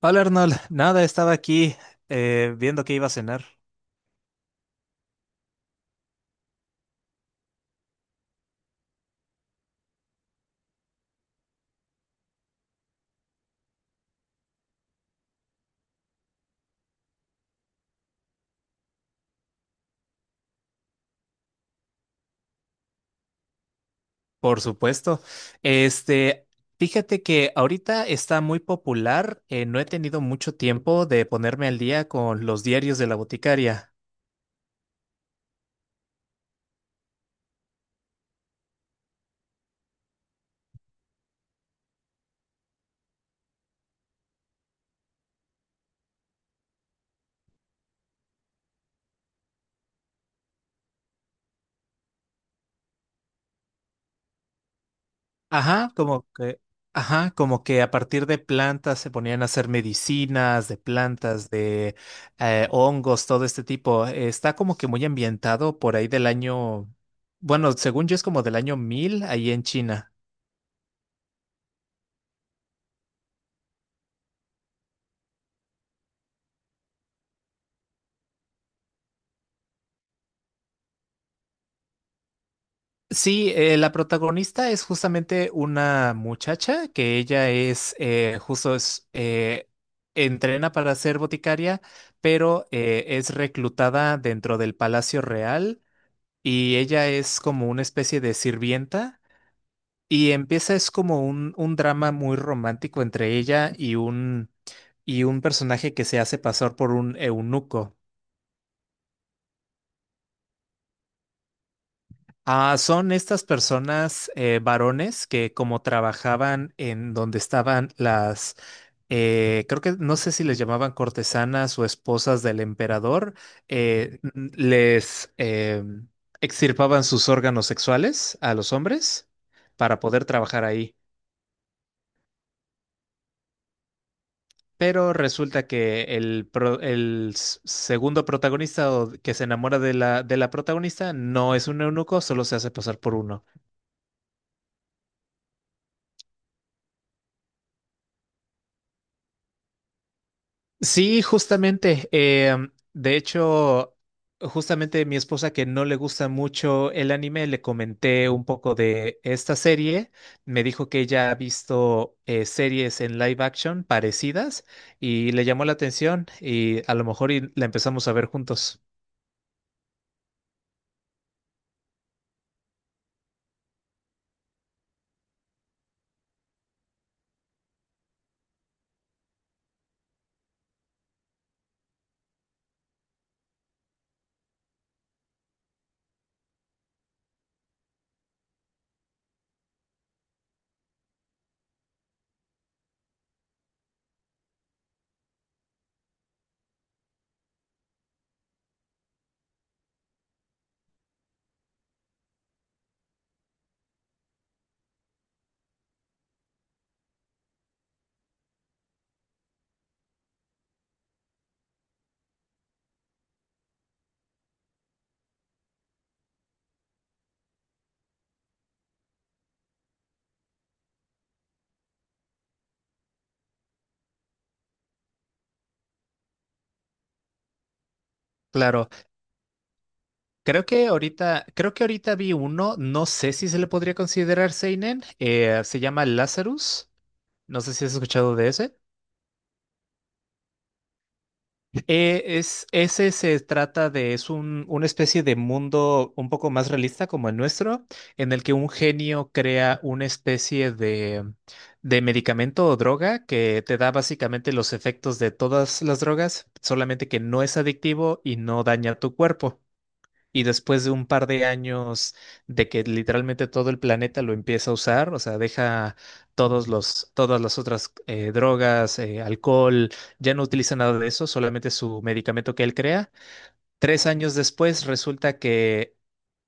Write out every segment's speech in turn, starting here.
Hola Arnold, nada, estaba aquí viendo que iba a cenar. Por supuesto. Este, fíjate que ahorita está muy popular. No he tenido mucho tiempo de ponerme al día con Los Diarios de la Boticaria. Ajá, como que, ajá, como que a partir de plantas se ponían a hacer medicinas de plantas, de hongos, todo este tipo. Está como que muy ambientado por ahí del año, bueno, según yo es como del año 1000 ahí en China. Sí, la protagonista es justamente una muchacha que ella es, entrena para ser boticaria, pero es reclutada dentro del Palacio Real, y ella es como una especie de sirvienta, y empieza es como un drama muy romántico entre ella y y un personaje que se hace pasar por un eunuco. Ah, son estas personas varones que como trabajaban en donde estaban las, creo que no sé si les llamaban cortesanas o esposas del emperador, n- les extirpaban sus órganos sexuales a los hombres para poder trabajar ahí. Pero resulta que el, pro- el s- segundo protagonista o que se enamora de la protagonista no es un eunuco, solo se hace pasar por uno. Sí, justamente. De hecho, justamente mi esposa, que no le gusta mucho el anime, le comenté un poco de esta serie. Me dijo que ella ha visto series en live action parecidas, y le llamó la atención, y a lo mejor y la empezamos a ver juntos. Claro, creo que ahorita vi uno, no sé si se le podría considerar seinen. Se llama Lazarus. No sé si has escuchado de ese. Ese se trata de, es una especie de mundo un poco más realista como el nuestro, en el que un genio crea una especie de medicamento o droga que te da básicamente los efectos de todas las drogas, solamente que no es adictivo y no daña tu cuerpo. Y después de un par de años de que literalmente todo el planeta lo empieza a usar, o sea, deja todas las otras drogas, alcohol, ya no utiliza nada de eso, solamente su medicamento que él crea. 3 años después resulta que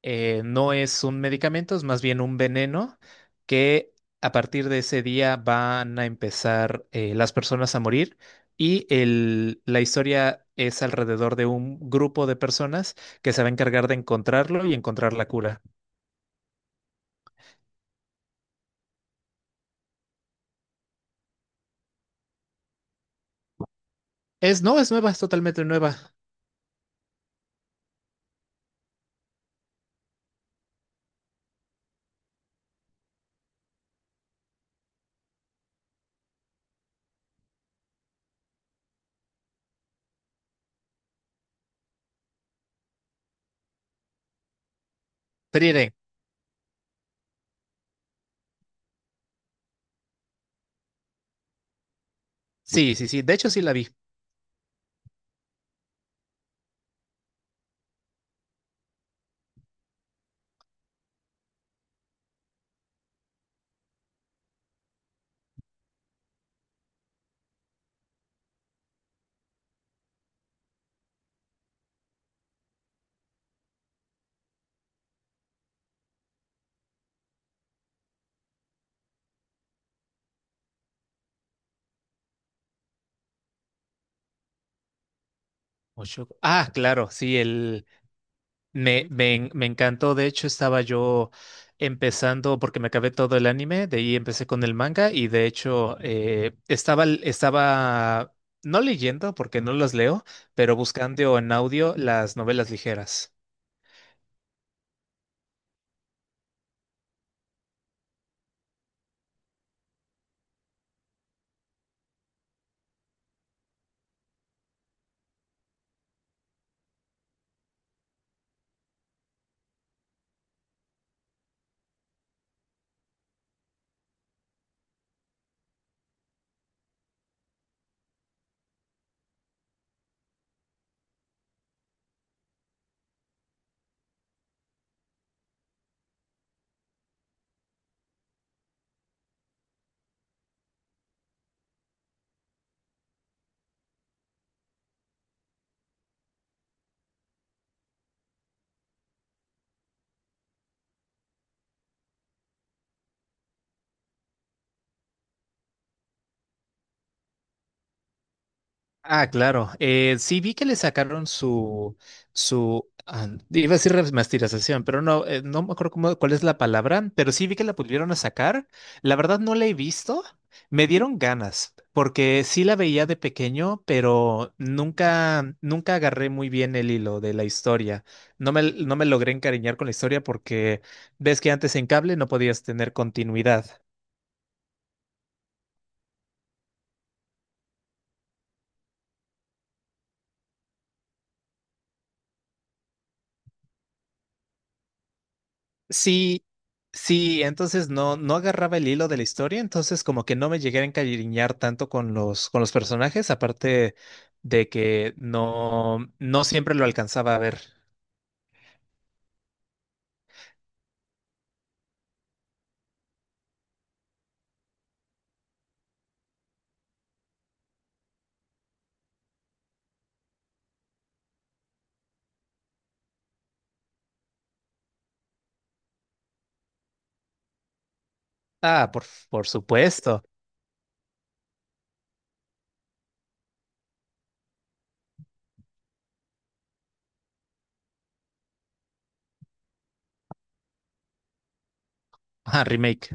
no es un medicamento, es más bien un veneno, que a partir de ese día van a empezar las personas a morir, y la historia es alrededor de un grupo de personas que se va a encargar de encontrarlo y encontrar la cura. Es, no, es nueva, es totalmente nueva. Frieren. Sí, sí, sí, de hecho sí la vi. Ah, claro, sí, el me encantó. De hecho estaba yo empezando, porque me acabé todo el anime, de ahí empecé con el manga. Y de hecho estaba no leyendo, porque no los leo, pero buscando en audio las novelas ligeras. Ah, claro. Sí vi que le sacaron ah, iba a decir remasterización, pero no, no me acuerdo cuál es la palabra, pero sí vi que la volvieron a sacar. La verdad no la he visto. Me dieron ganas, porque sí la veía de pequeño, pero nunca, nunca agarré muy bien el hilo de la historia. No me logré encariñar con la historia, porque ves que antes en cable no podías tener continuidad. Sí, sí, entonces no, no agarraba el hilo de la historia, entonces como que no me llegué a encariñar tanto con los personajes, aparte de que no, no siempre lo alcanzaba a ver. Ah, por, por supuesto. Ah, remake.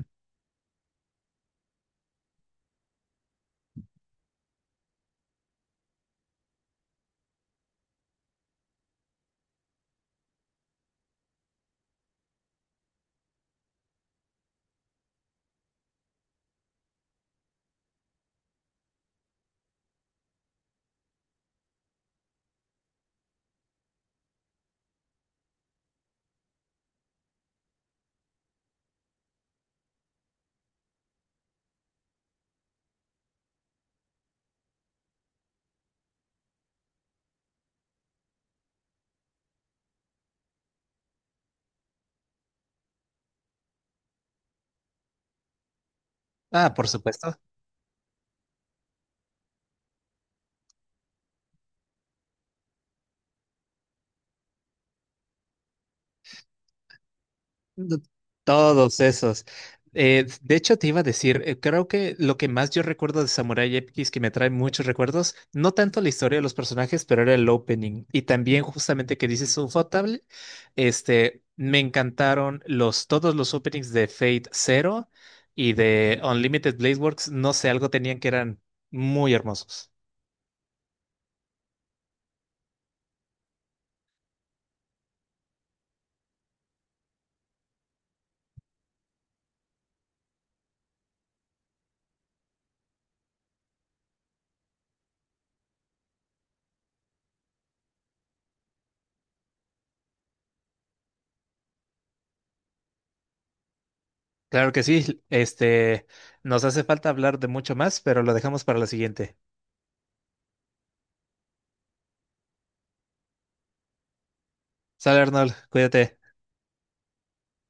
Ah, por supuesto. No, todos esos. De hecho, te iba a decir, creo que lo que más yo recuerdo de Samurai X, que me trae muchos recuerdos, no tanto la historia de los personajes, pero era el opening. Y también, justamente que dices Ufotable, este, me encantaron los, todos los openings de Fate Zero y de Unlimited Blade Works. No sé, algo tenían que eran muy hermosos. Claro que sí, este, nos hace falta hablar de mucho más, pero lo dejamos para la siguiente. Sale Arnold, cuídate.